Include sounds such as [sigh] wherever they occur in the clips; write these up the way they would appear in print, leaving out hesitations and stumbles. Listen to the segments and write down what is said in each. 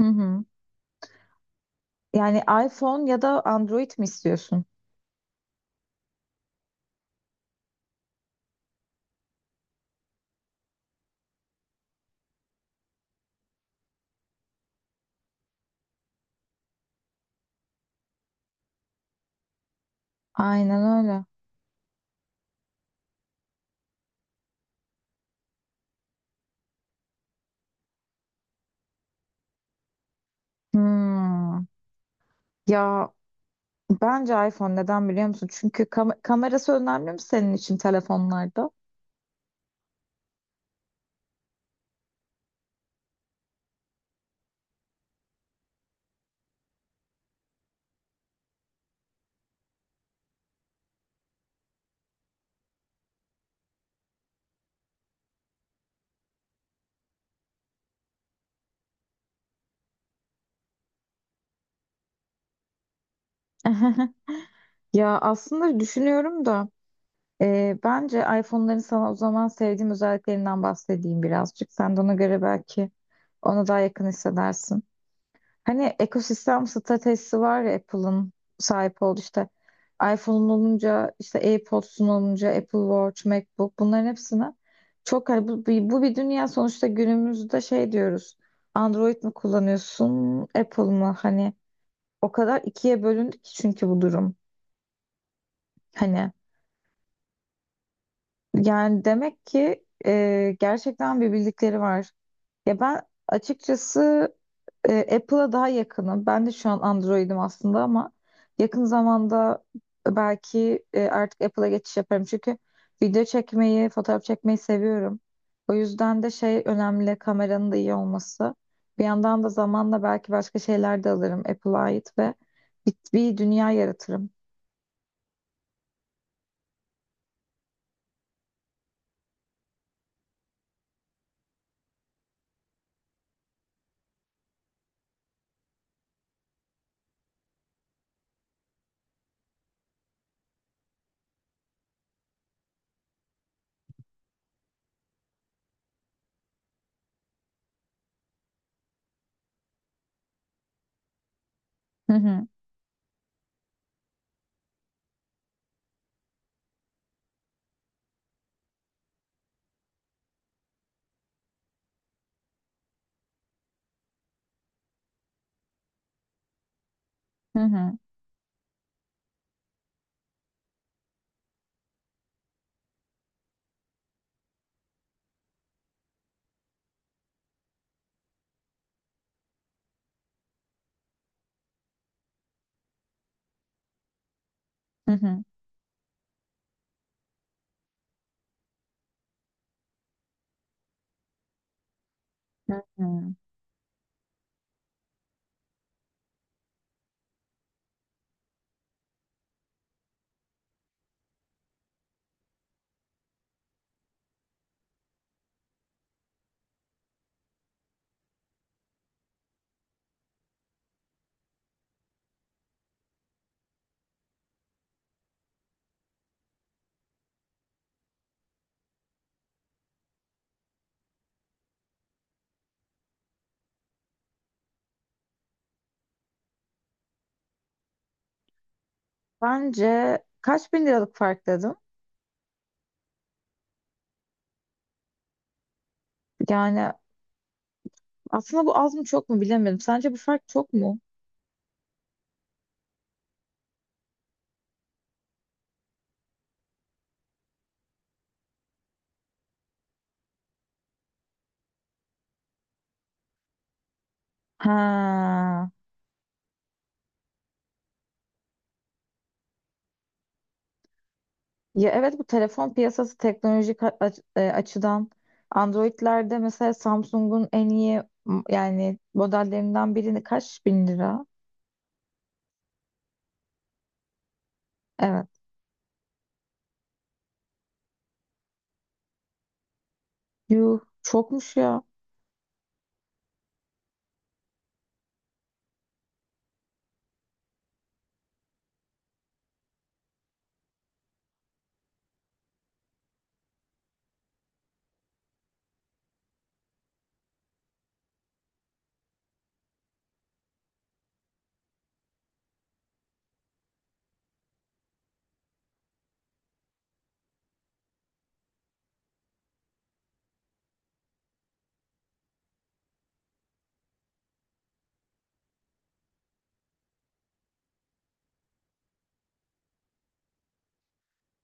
Hı hı. Yani iPhone ya da Android mi istiyorsun? Aynen öyle. Hmm. Ya bence iPhone neden biliyor musun? Çünkü kamerası önemli mi senin için telefonlarda? [laughs] Ya aslında düşünüyorum da. Bence iPhone'ların sana o zaman sevdiğim özelliklerinden bahsedeyim birazcık. Sen de ona göre belki ona daha yakın hissedersin. Hani ekosistem stratejisi var ya Apple'ın sahip olduğu işte iPhone'un olunca işte AirPods'un olunca Apple Watch, MacBook bunların hepsine çok hani bu bir dünya sonuçta günümüzde şey diyoruz. Android mi kullanıyorsun, Apple mı? Hani o kadar ikiye bölündü ki çünkü bu durum. Hani yani demek ki gerçekten bir bildikleri var. Ya ben açıkçası Apple'a daha yakınım. Ben de şu an Android'im aslında ama yakın zamanda belki artık Apple'a geçiş yaparım. Çünkü video çekmeyi, fotoğraf çekmeyi seviyorum. O yüzden de şey önemli, kameranın da iyi olması. Bir yandan da zamanla belki başka şeyler de alırım Apple'a ait ve bir dünya yaratırım. Hı hı, hı hı, hı hı, hı hı. Bence kaç bin liralık fark dedim. Yani aslında bu az mı çok mu bilemedim. Sence bu fark çok mu? Ha. Ya evet, bu telefon piyasası teknolojik açıdan Android'lerde mesela Samsung'un en iyi yani modellerinden birini kaç bin lira? Evet. Yuh çokmuş ya.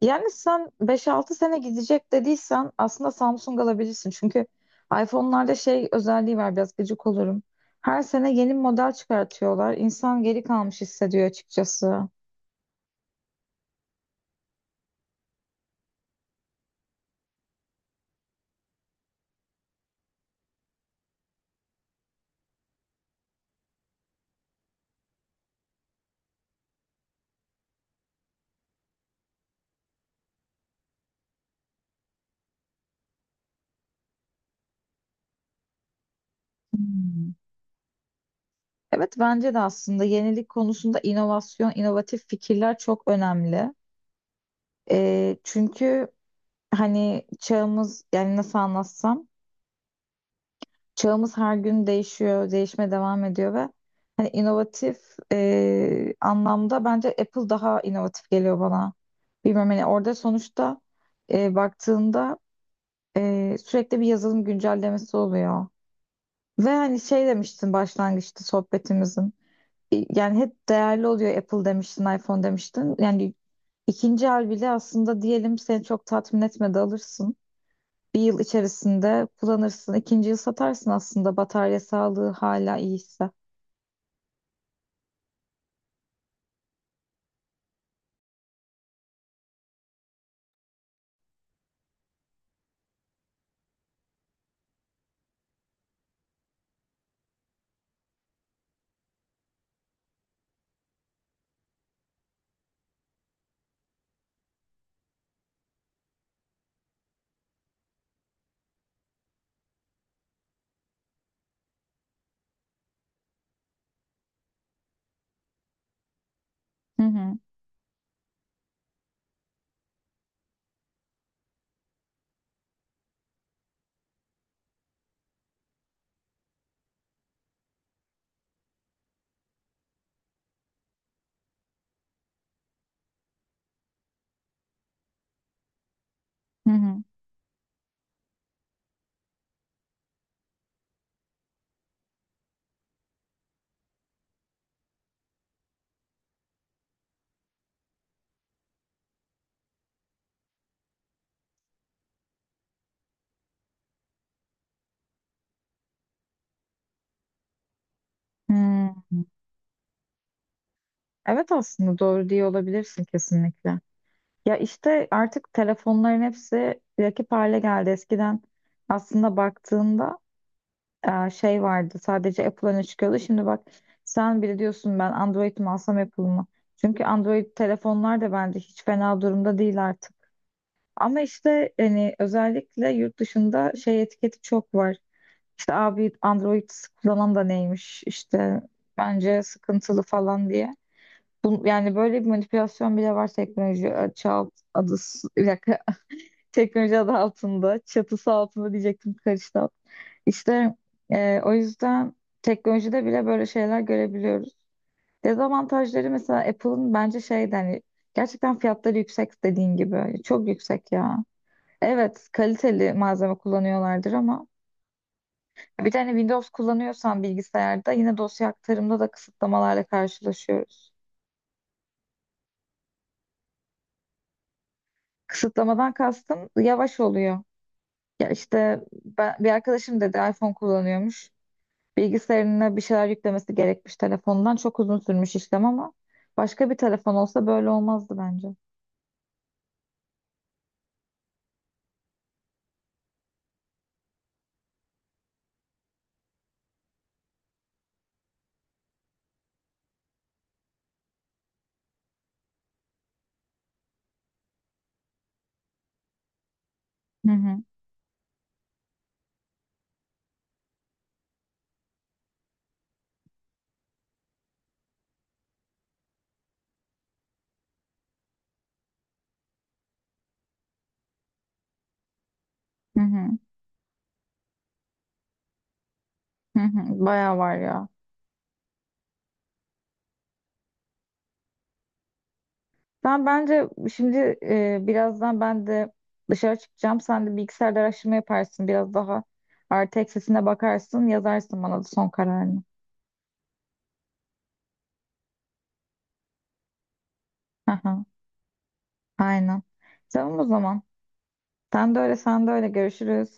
Yani sen beş altı sene gidecek dediysen aslında Samsung alabilirsin. Çünkü iPhone'larda şey özelliği var, biraz gıcık olurum. Her sene yeni model çıkartıyorlar. İnsan geri kalmış hissediyor açıkçası. Hmm. Evet, bence de aslında yenilik konusunda inovasyon, inovatif fikirler çok önemli. Çünkü hani çağımız, yani nasıl anlatsam, çağımız her gün değişiyor, değişmeye devam ediyor ve hani inovatif anlamda bence Apple daha inovatif geliyor bana. Bilmiyorum, hani orada sonuçta baktığında sürekli bir yazılım güncellemesi oluyor. Ve hani şey demiştin başlangıçta sohbetimizin. Yani hep değerli oluyor Apple demiştin, iPhone demiştin. Yani ikinci el bile aslında diyelim seni çok tatmin etmedi, alırsın. Bir yıl içerisinde kullanırsın. İkinci yıl satarsın aslında, batarya sağlığı hala iyiyse. Hı hı, hı hı. Hmm. Evet, aslında doğru diye olabilirsin kesinlikle. Ya işte artık telefonların hepsi rakip hale geldi. Eskiden aslında baktığında şey vardı, sadece Apple öne çıkıyordu. Şimdi bak, sen bile diyorsun ben Android mi alsam Apple mı? Çünkü Android telefonlar da bence hiç fena durumda değil artık. Ama işte hani özellikle yurt dışında şey etiketi çok var. İşte abi Android kullanan da neymiş işte bence sıkıntılı falan diye. Bu, yani böyle bir manipülasyon bile var teknoloji çağ adı, bir dakika, teknoloji adı altında, çatısı altında diyecektim, karıştı. İşte o yüzden teknolojide bile böyle şeyler görebiliyoruz. Dezavantajları mesela Apple'ın bence şeyden hani gerçekten fiyatları yüksek dediğin gibi. Çok yüksek ya. Evet, kaliteli malzeme kullanıyorlardır ama bir tane Windows kullanıyorsan bilgisayarda yine dosya aktarımda da kısıtlamalarla karşılaşıyoruz. Kısıtlamadan kastım yavaş oluyor. Ya işte ben, bir arkadaşım dedi iPhone kullanıyormuş. Bilgisayarına bir şeyler yüklemesi gerekmiş telefondan. Çok uzun sürmüş işlem ama başka bir telefon olsa böyle olmazdı bence. Hı hı, hı hı, hı hı. Bayağı var ya. Ben bence şimdi birazdan ben de dışarı çıkacağım. Sen de bilgisayarda araştırma yaparsın. Biraz daha artı eksisine bakarsın. Yazarsın bana da son kararını. Aha, aynen. Tamam o zaman. Sen de öyle, sen de öyle. Görüşürüz.